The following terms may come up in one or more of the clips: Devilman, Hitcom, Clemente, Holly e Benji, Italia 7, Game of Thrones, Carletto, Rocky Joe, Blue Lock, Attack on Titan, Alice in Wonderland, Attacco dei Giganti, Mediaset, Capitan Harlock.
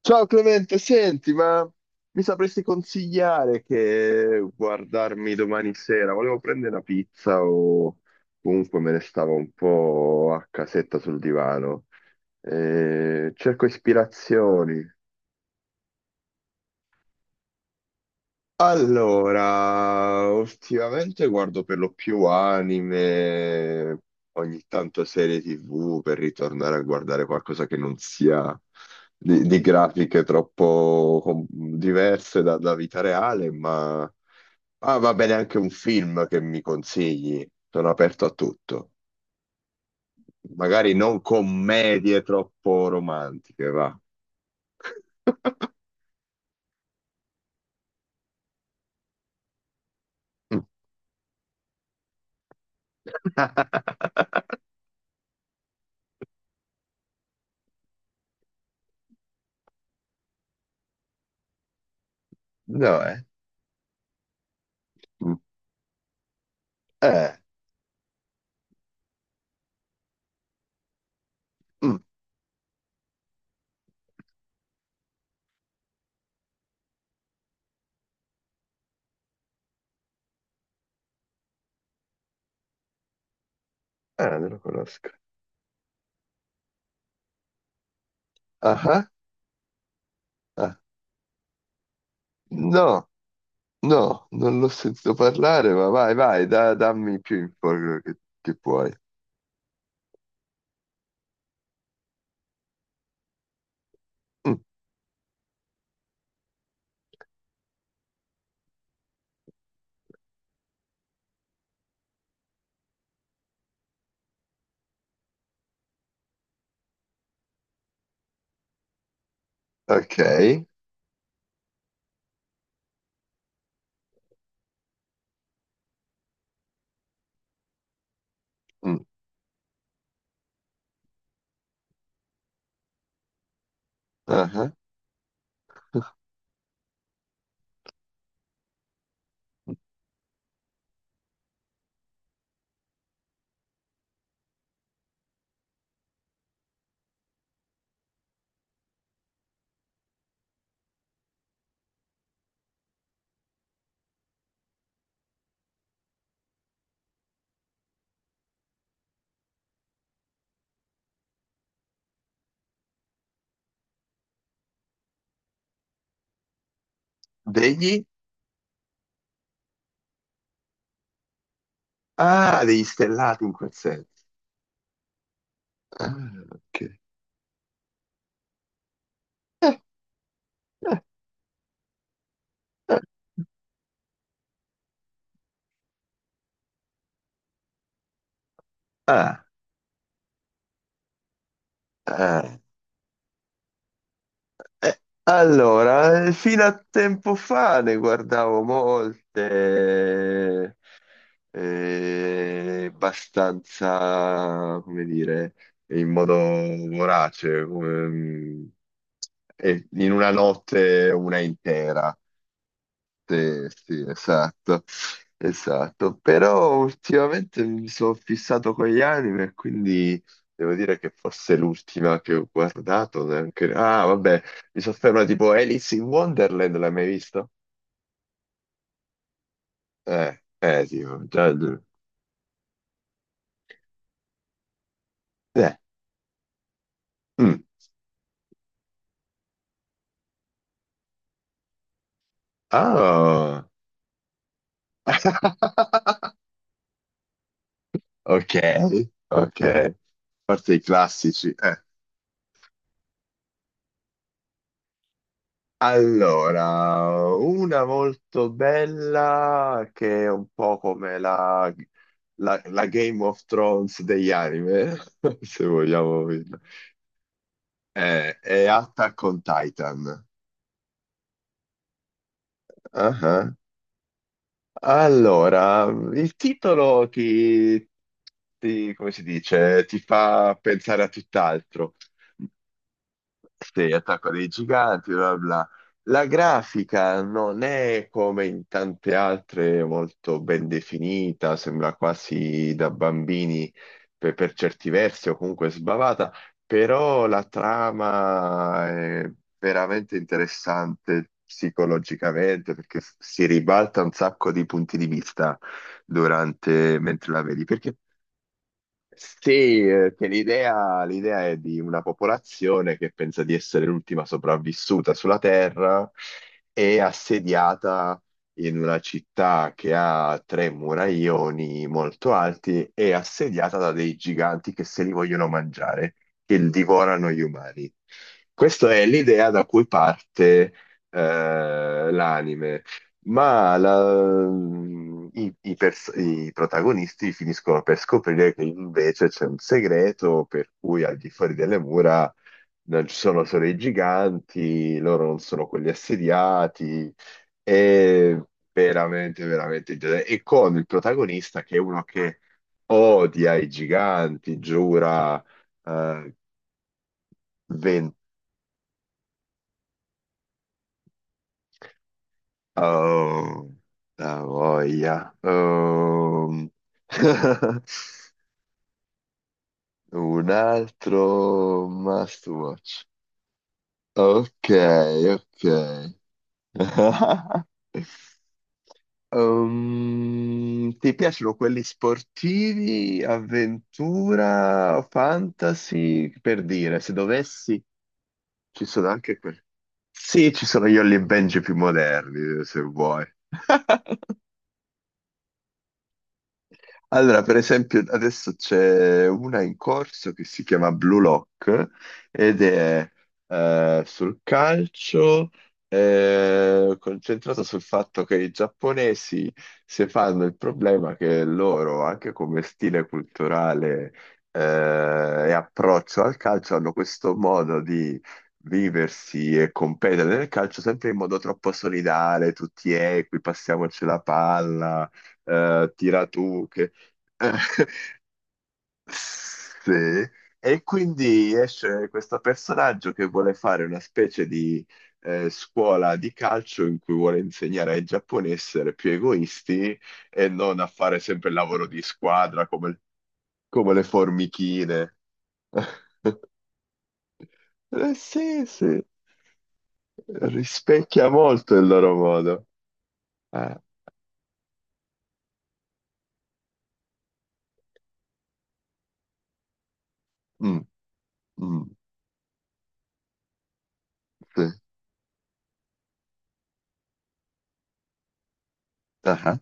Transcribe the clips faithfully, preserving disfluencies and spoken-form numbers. Ciao Clemente, senti, ma mi sapresti consigliare che guardarmi domani sera? Volevo prendere una pizza, o comunque me ne stavo un po' a casetta sul divano. Eh, cerco ispirazioni. Allora, ultimamente guardo per lo più anime, ogni tanto serie T V per ritornare a guardare qualcosa che non sia di, di grafiche troppo com- diverse da, da vita reale, ma ah, va bene anche un film che mi consigli, sono aperto a tutto. Magari non commedie troppo romantiche, va. No, eh. Mm. Eh, mm. Eh, non lo conosco. Ah, ah. Ah. No, no, non l'ho sentito parlare, ma vai, vai, da- dammi più info che, che puoi. Mm. Ok. Mm, ah, ah. Degli? Ah, degli stellati in quel senso. Ah, ok. Ah, ah. Eh, Allora, eh, fino a tempo fa ne guardavo molte, eh, abbastanza, come dire, in modo vorace, come, mm, e in una notte una intera. Sì, sì, esatto, esatto. Però ultimamente mi sono fissato con gli anime, e quindi devo dire che forse l'ultima che ho guardato neanche... Ah, vabbè, mi sono fermato tipo Alice in Wonderland, l'hai mai visto? Eh, eh, tipo, già... Eh, mm. Ah! Ok, ok. A parte i classici. eh. Allora, una molto bella che è un po' come la, la- la Game of Thrones degli anime, se vogliamo dirla. Eh, è Attack on Titan. Ah, ah. Allora, il titolo ti, ti- come si dice, ti fa pensare a tutt'altro. Sì, Attacco dei Giganti, bla bla. La grafica non è come in tante altre molto ben definita, sembra quasi da bambini per, per certi versi, o comunque sbavata, però la trama è veramente interessante psicologicamente, perché si ribalta un sacco di punti di vista durante, mentre la vedi, perché sì, eh, che l'idea l'idea è di una popolazione che pensa di essere l'ultima sopravvissuta sulla Terra, e assediata in una città che ha tre muraioni molto alti, e assediata da dei giganti che se li vogliono mangiare, che divorano gli umani. Questa è l'idea da cui parte eh, l'anime, ma la- mm, i, i pers- i protagonisti finiscono per scoprire che invece c'è un segreto per cui, al di fuori delle mura, non ci sono solo i giganti, loro non sono quelli assediati, è veramente, veramente interessante. E con il protagonista che è uno che odia i giganti, giura eh, ven- Oh, la voglia. Ehm. Un altro must watch. Ok, ok. Um, ti piacciono quelli sportivi, avventura, fantasy? Per dire, se dovessi, ci sono anche quelli. Sì, ci sono Io e Benji più moderni, se vuoi. Allora, per esempio, adesso c'è una in corso che si chiama Blue Lock, ed è eh, sul calcio, eh, concentrata sul fatto che i giapponesi si fanno il problema che loro, anche come stile culturale eh, e approccio al calcio, hanno questo modo di viversi e competere nel calcio sempre in modo troppo solidale, tutti equi, passiamoci la palla, eh, tira tu, che sì. E quindi esce questo personaggio che vuole fare una specie di eh, scuola di calcio in cui vuole insegnare ai giapponesi a essere più egoisti, e non a fare sempre il lavoro di squadra come, come le formichine. Eh, sì, sì, rispecchia molto il loro modo. Ah, mm, mm, sì. Ah, ah,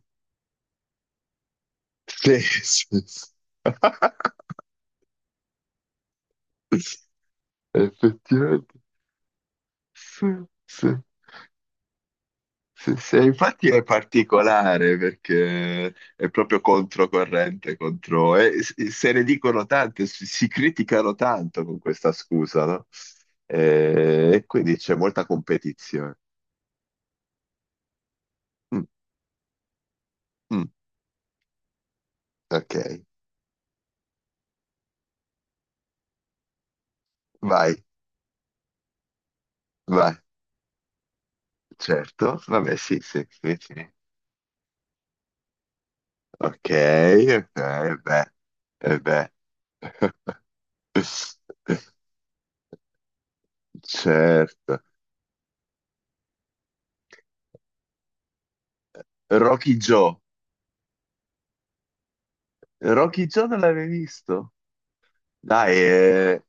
sì, sì, sì. Effettivamente. Sì, sì, sì, sì. E infatti è particolare perché è proprio controcorrente, contro... E s- se ne dicono tante, si si criticano tanto con questa scusa, no? E, e quindi c'è molta competizione. Mm, mm, ok, vai, vai, certo, vabbè, sì, sì, sì, sì. Ok, ok, beh, e beh. Certo. Rocky Joe. Rocky Joe non l'avevi visto? Dai, eh,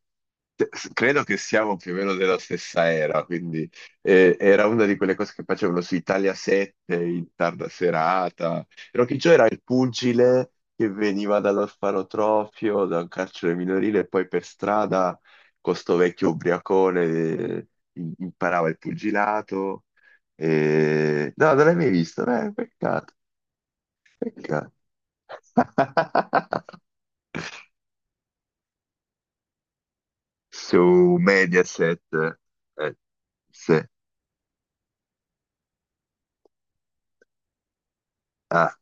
te- s- credo che siamo più o meno della stessa era, quindi eh, era una di quelle cose che facevano su Italia sette in tarda serata. Rocky Joe era il pugile che veniva dall'orfanotrofio, da un carcere minorile, e poi per strada, con sto vecchio ubriacone, eh, im- imparava il pugilato. E... No, non l'hai mai visto? Eh, peccato, peccato. Su Mediaset. eh, sì. Ah,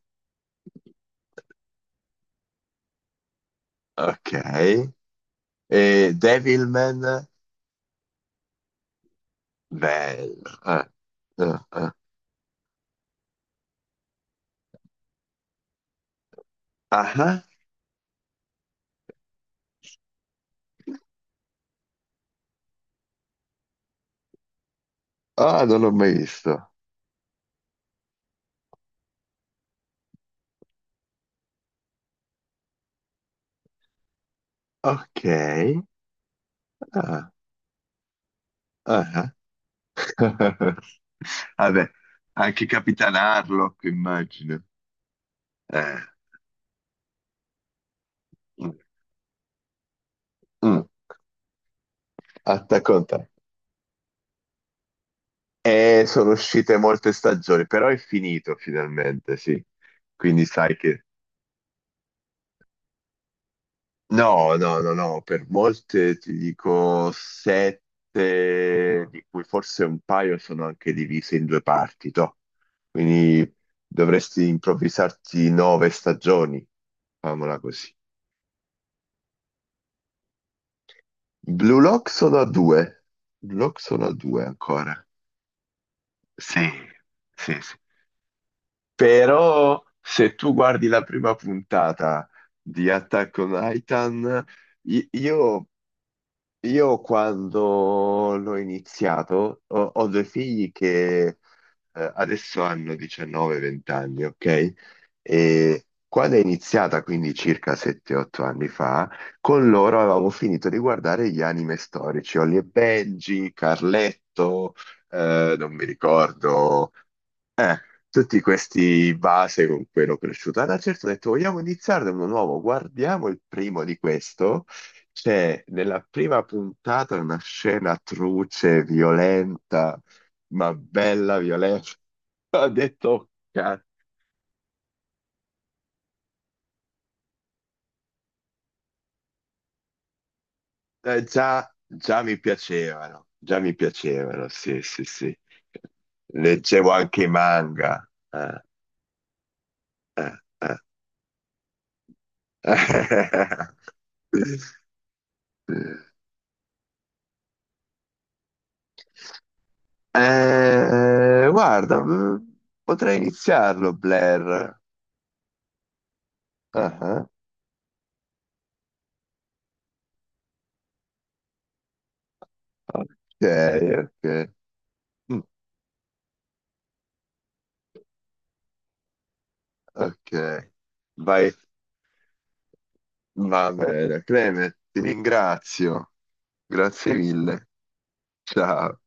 ok. E Devilman, bello. Ah, ah, ah. Ah, ah. Ah, non l'ho mai visto. Ok. Ah, ah, ah. Vabbè, anche Capitan Harlock, immagino. Eh. mm, mm. Attack on Titan. E sono uscite molte stagioni, però è finito finalmente, sì. Quindi sai che... No, no, no, no, per molte ti dico sette, di cui forse un paio sono anche divise in due parti, toh. Quindi dovresti improvvisarti nove stagioni, famola così. Blue Lock sono a due, Blue Lock sono a due ancora. Sì, sì, sì. Però se tu guardi la prima puntata di Attack on Titan, i- io Io quando l'ho iniziato, ho, ho due figli che eh, adesso hanno diciannove venti anni, ok? E quando è iniziata, quindi circa sette otto anni fa, con loro avevamo finito di guardare gli anime storici, Holly e Benji, Carletto, eh, non mi ricordo tutti questi base con cui ero cresciuto. Ad una certa ho detto: vogliamo iniziare da uno nuovo, guardiamo il primo di questo. C'è nella prima puntata una scena truce, violenta, ma bella, violenta. Ho detto, "Cazzo, eh, già, già mi piacevano, già mi piacevano, sì, sì, sì. Leggevo anche i manga. Eh, eh, eh. Eh, guarda, mh, potrei iniziarlo, Blair. Ah, ah, ok, ok, mm, ok. Vai, va bene, Clement, ti ringrazio. Grazie mille. Ciao.